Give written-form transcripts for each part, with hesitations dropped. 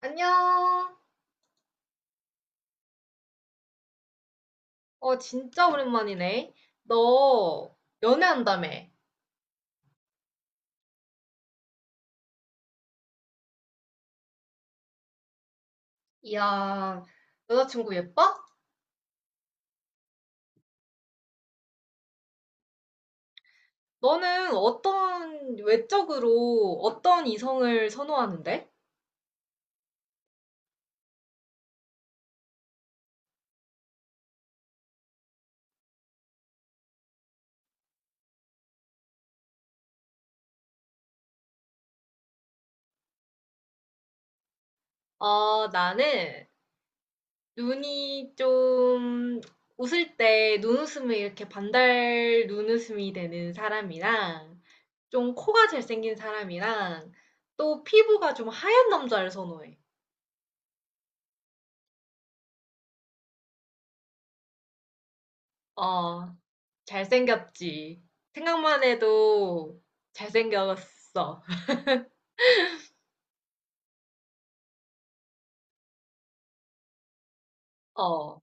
안녕. 어, 진짜 오랜만이네. 너 연애한다며. 이야, 여자친구 예뻐? 너는 외적으로 어떤 이성을 선호하는데? 어, 나는 눈이 좀 웃을 때 눈웃음이 이렇게 반달 눈웃음이 되는 사람이랑 좀 코가 잘생긴 사람이랑 또 피부가 좀 하얀 남자를 선호해. 어, 잘생겼지. 생각만 해도 잘생겼어. 어.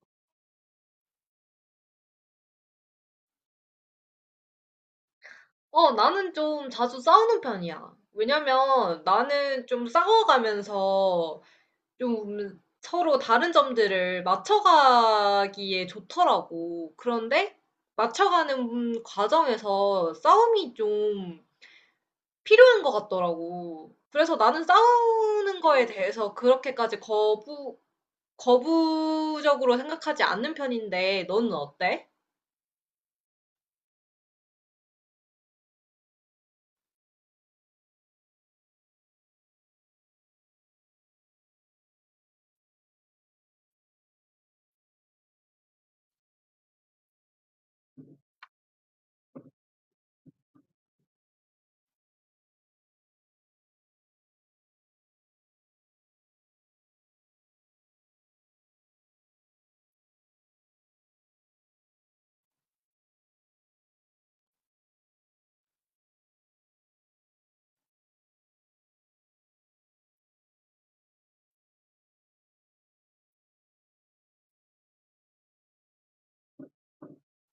어, 나는 좀 자주 싸우는 편이야. 왜냐면 나는 좀 싸워가면서 좀 서로 다른 점들을 맞춰가기에 좋더라고. 그런데 맞춰가는 과정에서 싸움이 좀 필요한 것 같더라고. 그래서 나는 싸우는 거에 대해서 그렇게까지 거부적으로 생각하지 않는 편인데 너는 어때?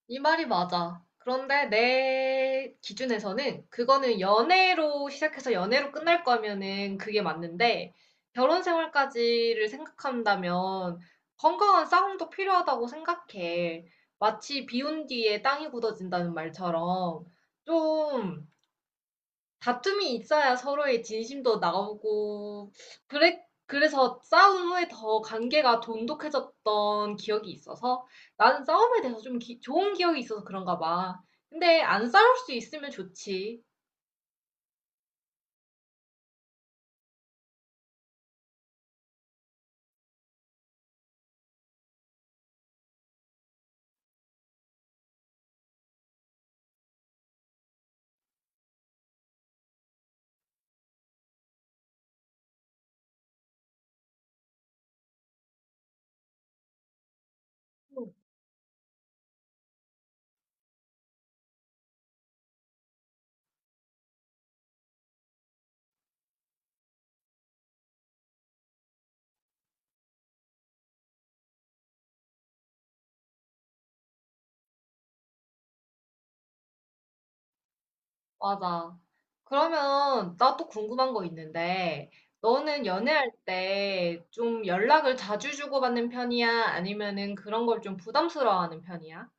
이 말이 맞아. 그런데 내 기준에서는 그거는 연애로 시작해서 연애로 끝날 거면은 그게 맞는데 결혼 생활까지를 생각한다면 건강한 싸움도 필요하다고 생각해. 마치 비 온 뒤에 땅이 굳어진다는 말처럼 좀 다툼이 있어야 서로의 진심도 나오고 그래 그래서 싸운 후에 더 관계가 돈독해졌던 기억이 있어서 나는 싸움에 대해서 좀 기- 좋은 기억이 있어서 그런가 봐. 근데 안 싸울 수 있으면 좋지. 응. 맞아. 그러면 나 또 궁금한 거 있는데 너는 연애할 때 좀 연락을 자주 주고받는 편이야? 아니면은 그런 걸 좀 부담스러워하는 편이야?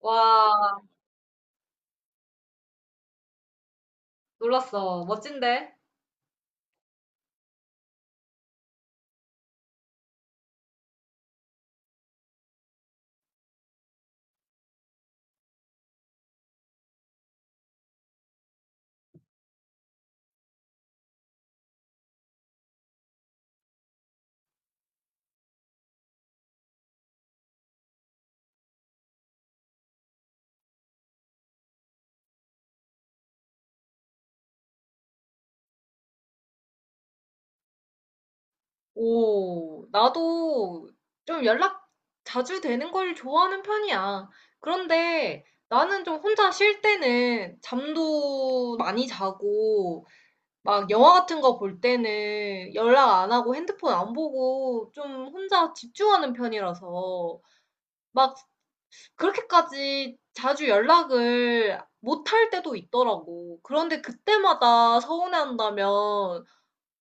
와, 놀랐어. 멋진데? 오, 나도 좀 연락 자주 되는 걸 좋아하는 편이야. 그런데 나는 좀 혼자 쉴 때는 잠도 많이 자고, 막 영화 같은 거 볼 때는 연락 안 하고 핸드폰 안 보고 좀 혼자 집중하는 편이라서 막 그렇게까지 자주 연락을 못 할 때도 있더라고. 그런데 그때마다 서운해한다면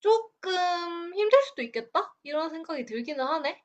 조금 '힘들 수도 있겠다.' 이런 생각이 들기는 하네.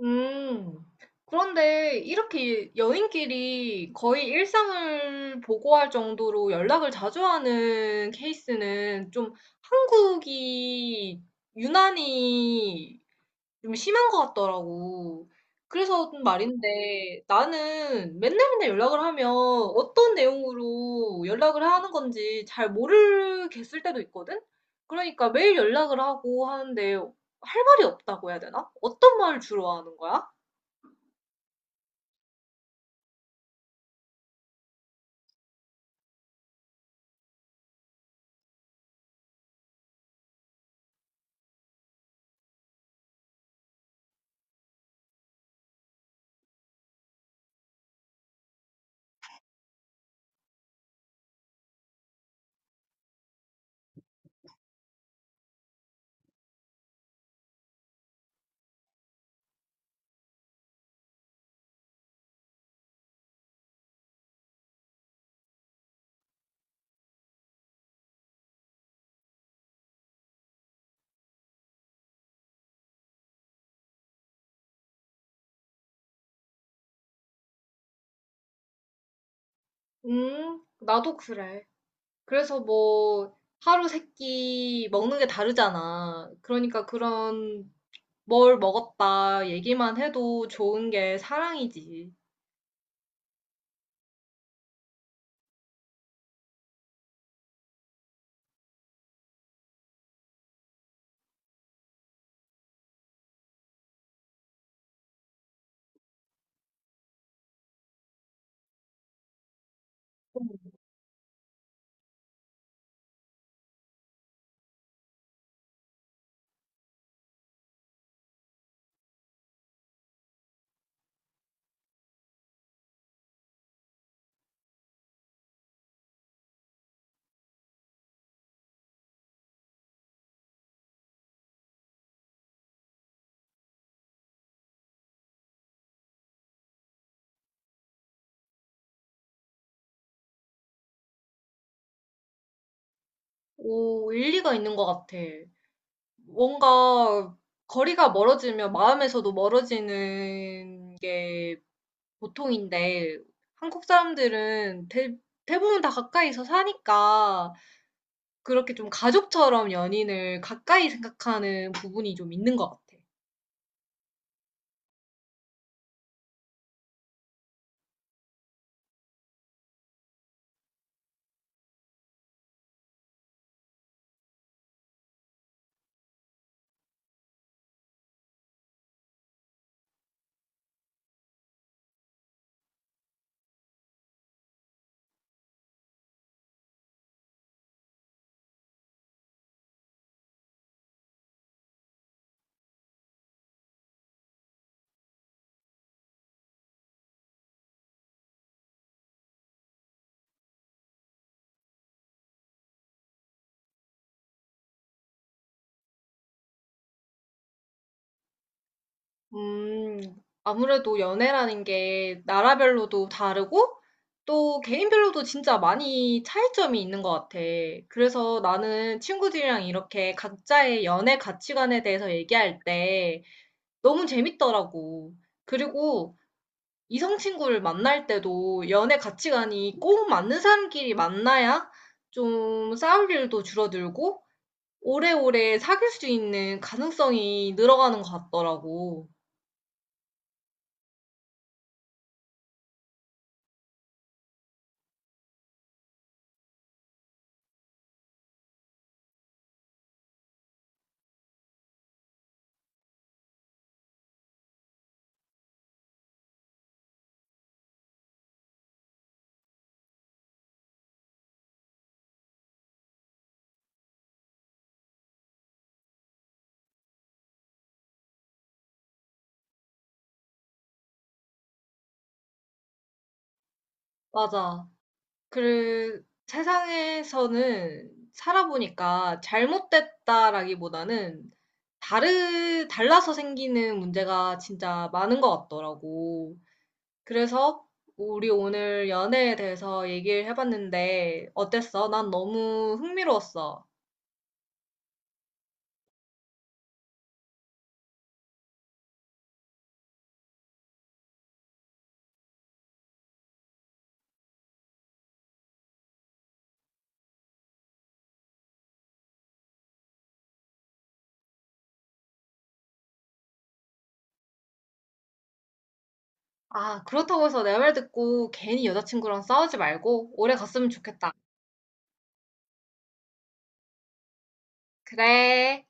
음. 그런데 이렇게 연인끼리 거의 일상을 보고할 정도로 연락을 자주 하는 케이스는 좀 한국이 유난히 좀 심한 것 같더라고. 그래서 좀 말인데 나는 맨날 맨날 연락을 하면 어떤 내용으로 연락을 하는 건지 잘 모르겠을 때도 있거든? 그러니까 매일 연락을 하고 하는데 할 말이 없다고 해야 되나? 어떤 말을 주로 하는 거야? 나도 그래. 그래서 뭐 하루 세 끼 먹는 게 다르잖아. 그러니까 그런 뭘 먹었다 얘기만 해도 좋은 게 사랑이지. 오, 일리가 있는 것 같아. 뭔가 거리가 멀어지면 마음에서도 멀어지는 게 보통인데 한국 사람들은 대부분 다 가까이서 사니까 그렇게 좀 가족처럼 연인을 가까이 생각하는 부분이 좀 있는 것 같아. 음, 아무래도 연애라는 게 나라별로도 다르고 또 개인별로도 진짜 많이 차이점이 있는 것 같아. 그래서 나는 친구들이랑 이렇게 각자의 연애 가치관에 대해서 얘기할 때 너무 재밌더라고. 그리고 이성 친구를 만날 때도 연애 가치관이 꼭 맞는 사람끼리 만나야 좀 싸울 일도 줄어들고 오래오래 사귈 수 있는 가능성이 늘어가는 것 같더라고. 맞아. 그 세상에서는 살아 보니까 잘못됐다라기보다는 다르 달라서 생기는 문제가 진짜 많은 것 같더라고. 그래서 우리 오늘 연애에 대해서 얘기를 해봤는데 어땠어? 난 너무 흥미로웠어. 아, 그렇다고 해서 내 말 듣고 괜히 여자친구랑 싸우지 말고 오래 갔으면 좋겠다. 그래.